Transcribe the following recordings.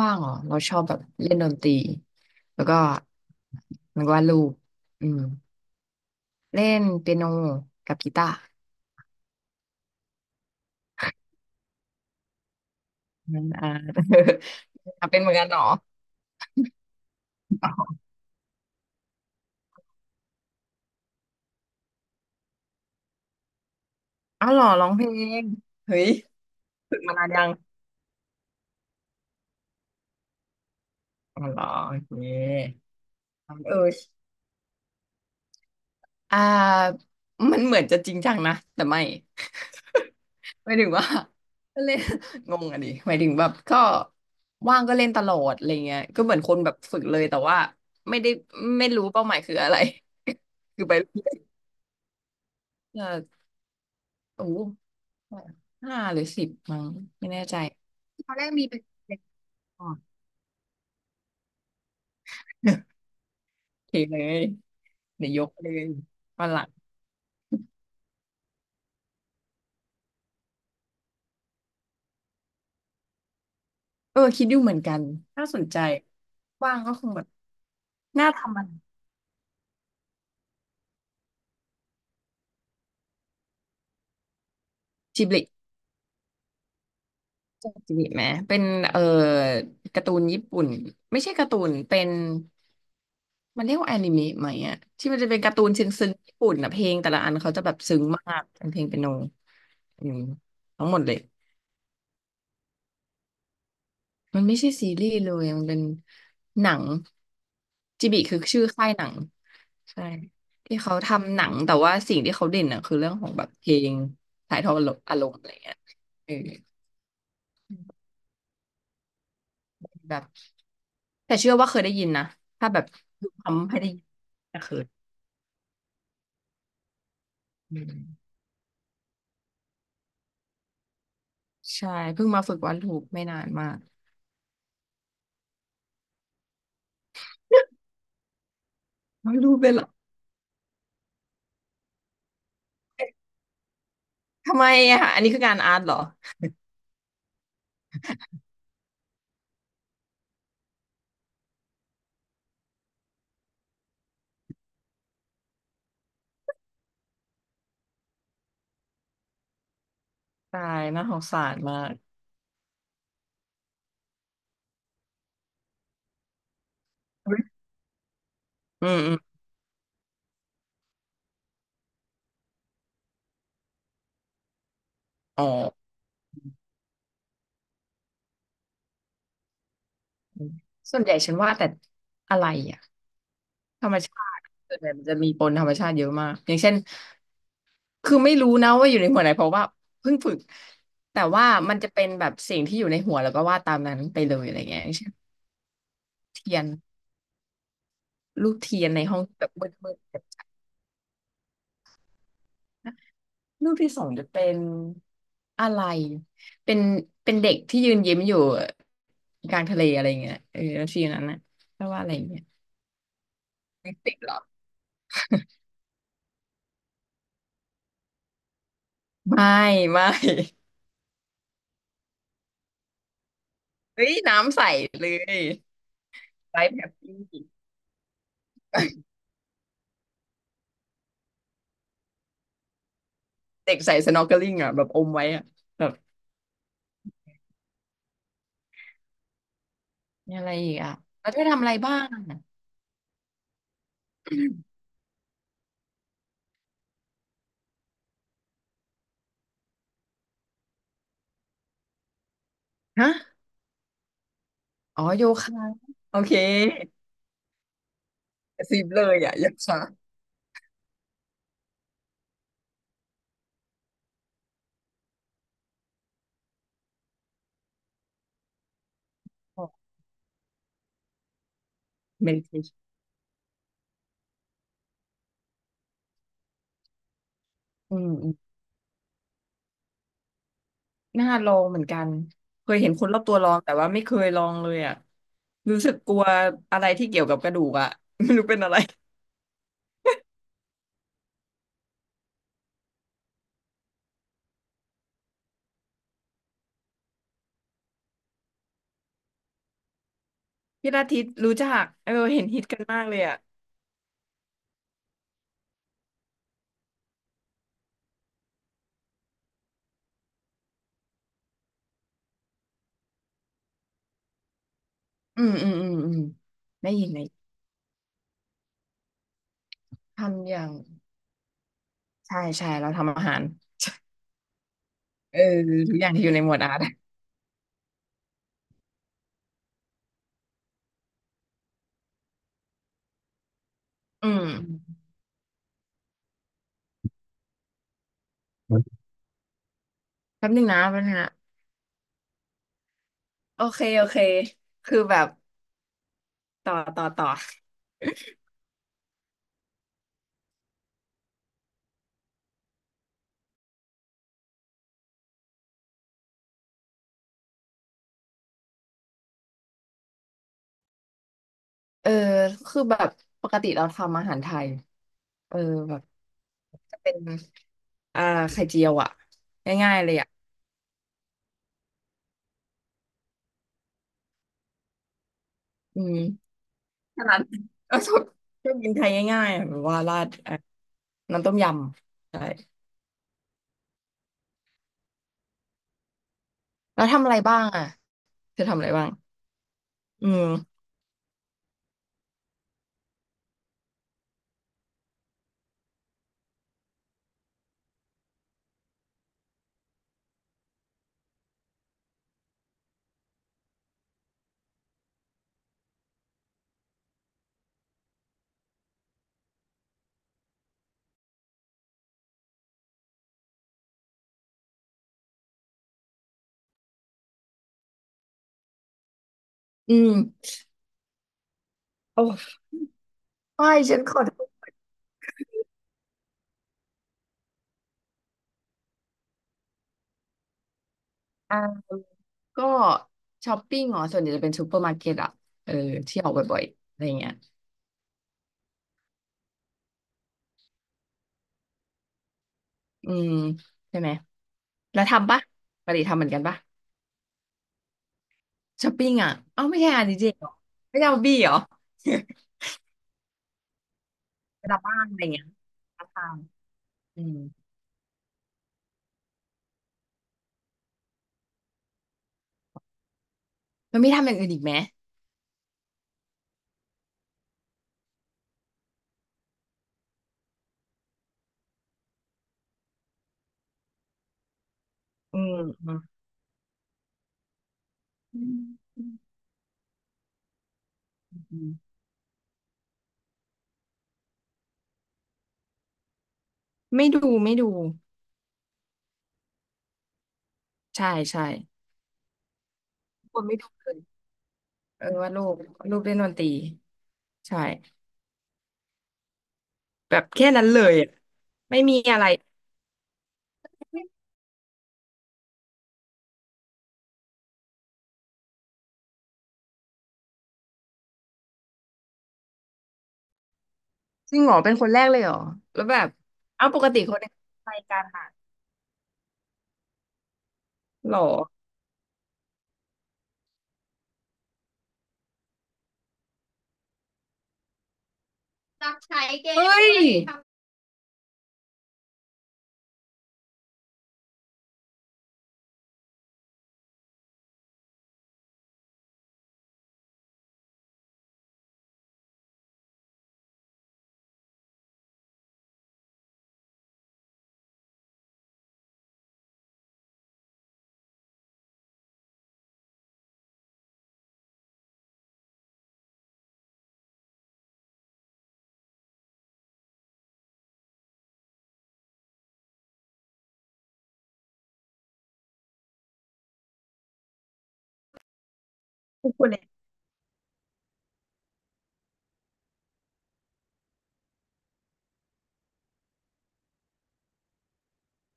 ว่างๆเหรอ เราชอบแบบเล่นดนตรีแล้วก็มันวาดรูปอืมเล่นเปียโนกับกีตาร์นั่นอ่า อ่ะเป็นเหมือนกันเหรออ๋ออ้าวเหรอร้องเพลงเฮ้ยฝึกมานานยังอ๋อเหรอโอเคเออ อ่ามันเหมือนจะจริงจังนะแต่ไม่ หมายถึงว่า ก็เล่น งงอ่ะดิหมายถึงแบบก็ว่างก็เล่นตลอดอะไรเงี้ยก็เหมือนคนแบบฝึกเลยแต่ว่าไม่ได้ไม่รู้เป้าหมายคืออะไร คือไปเรื่อยๆเออโอ้โห5 หรือ 10มั้งไม่แน่ใจตอนแรกมีเป็นเด็กก่อน โอเคเลยเดี๋ยวยกเลยวันหลังเออคิดอยู่เหมือนกันถ้าสนใจว่างก็คงแบบน่าทำมันจิบลิ จาจิไหมเป็นเอ่อการ์ตูนญี่ปุ่นไม่ใช่การ์ตูนเป็นมันเรียกว่าแอนิเมะไหมอะที่มันจะเป็นการ์ตูนซึ้งซึ้งญี่ปุ่นอะเพลงแต่ละอันเขาจะแบบซึ้งมากเป็นเพลงเปียโนอืมทั้งหมดเลยมันไม่ใช่ซีรีส์เลยมันเป็นหนังจิบิคือชื่อค่ายหนังใช่ที่เขาทำหนังแต่ว่าสิ่งที่เขาเด่นอะคือเรื่องของแบบเพลงถ่ายทอดอารมณ์อะไรเงี้ยเออแบบ แต่เชื่อว่าเคยได้ยินนะถ้าแบบทำให้ได้ยินจะเคยอืมใช่เพิ่งมาฝึกวาดรูปไม่นานมาก วาดรูปเป็นเหรอทำไมอะอันนี้คืองานอาร์ตเหรอตายน่าสงสารมากอืมอืมอ๋ออืมส่วนใหญ่ฉันวาดแต่อะไรอะธรรมชาติส่วนใหญ่มันจะมีปนธรรมชาติเยอะมากอย่างเช่นคือไม่รู้นะว่าอยู่ในหัวไหนเพราะว่าเพิ่งฝึกแต่ว่ามันจะเป็นแบบสิ่งที่อยู่ในหัวแล้วก็วาดตามนั้นไปเลยอะไรเงี้ยอย่างเช่นเทียนรูปเทียนในห้องแบบมืด รูปที่สองจะเป็นอะไร เป็นเป็นเด็กที่ยืนยิ้มอยู่กลางทะเลอะไรอย่างเงี้ยเออแล้วทีนั้นนะแปลว่าอะไรเงี้ยติดหรอไม่ไม่เฮ้ยน้ำใสเลยไลฟ์แฮปปี้เด็กใส่สน็อกเกิลิ่งอ่ะแบบอมไว้อ่ะแบบมีอะไรอีกอ่ะ แล้วเธอทำอะไรบ้าง ฮะอ๋อโยคะโอเคสิบเลยอ่ะโยคะเมดิเทชืมอืม น่าลองเหมือนกันเคยเห็นคนรอบตัวลองแต่ว่าไม่เคยลองเลยอ่ะรู้สึกกลัวอะไรที่เกี่ยวกับกระดูกอ่ะ ไม่รู้เป็นอะไรพิลาทิสรู้จักเออเห็นฮิตกันมากเลยอ่ะอืมอืมอืมอืมได้ยินไหมทำอย่างใช่ใช่เราทำอาหารเออทุกอย่างที่อยู่ในหมวดอาร์ต อืมแป๊บนึงนะแป๊บนึงนะโอเคโอเคคือแบบต่อต่อต่อ เออคือแบบปกติเราทำอาหารไทยเออแบบจะเป็น อ่าไข่เจียวอ่ะง่ายๆเลยอ่ะอืมแค่นั้น ก็ชอบชอบกินไทยง่ายๆอะแบบว่าราดอ่ะน้ำต้มยำใช่แล้วทำอะไรบ้างอ่ะเธอทำอะไรบ้างอืมอืมโอ้ไม่ฉันขอโทษอ่าก็ช้อปปิ้งเหรอส่วนใหญ่จะเป็นซูเปอร์มาร์เก็ตอ่ะเออเที่ยวบ่อยๆอะไรเงี้ยอืมใช่ไหมแล้วทำปะปกติทำเหมือนกันปะช้อปปิ้งอ่ะเอ้าไม่ใช่อาร์ดีเจเหรอไม่ใช่บอบบี้เหรอ เวลาบ้านอะไรเงี้ยทำอืม มันไม่ทำอย่างอื่นอีกไหมอืมอืมอืมอืมไม่ดูไม่ดูใช่ใช่คนไม่ดูเลยเออว่าดรูปรูปเล่นดนตรีใช่แบบแค่นั้นเลยอะไม่มีอะไรจริงเหรอเป็นคนแรกเลยเหรอแล้วแบบเอาปกติคนในไปกันค่ะหรอรับใช้เกมเฮ้มยอะุคนเลน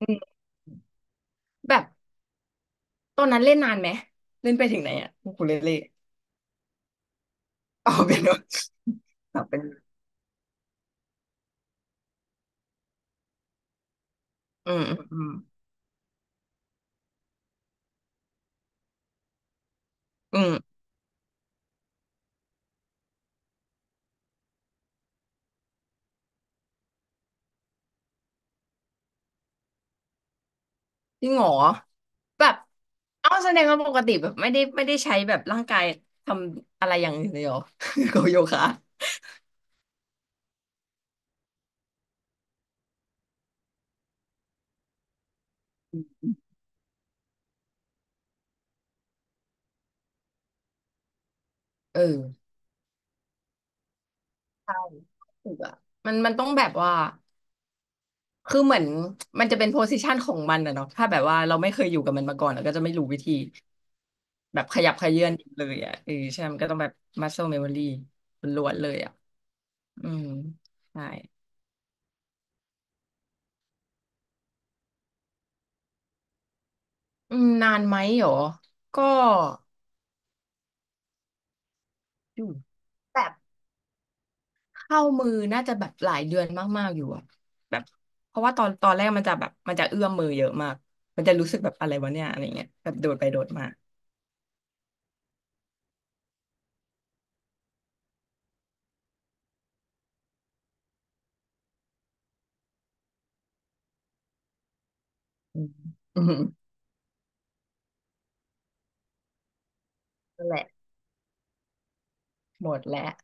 อื่แบบตอนนั้นเล่นนานไหมเล่นไปถึงไหนอ่ะกุคูเลนเล่อ๋อเป็นว่าตอบเป็นอืมอืมอืมอืม จริงเหรอแบบ เอ้าแสดงว่าปกติแบบไม่ได้ใช้แบบร่างกายทำอะไรอย่างอื่นเลยเหรอ กับโยคะเออใช่ถูกอะมันต้องแบบว่าคือเหมือนมันจะเป็นโพซิชันของมันอะเนาะถ้าแบบว่าเราไม่เคยอยู่กับมันมาก่อนเราก็จะไม่รู้วิธีแบบขยับเขยื้อนเลยอะเออใช่มันก็ต้องแบบ muscle memory ล้วนๆเลยอะอืมใช่อืมนานไหมเหรอก็อยู่แบบ เข้ามือน่าจะแบบหลายเดือนมาก ๆ อยู่อะแบบเพราะว่าตอนแรกมันจะแบบมันจะเอื้อมมือเยอะมากมันจะรู้สึกแบบอะไรวะเนี่ยอะไรเงี้ยแบบโดดไปโดดมาอืมอืมนั่นแหละหมดแล้ว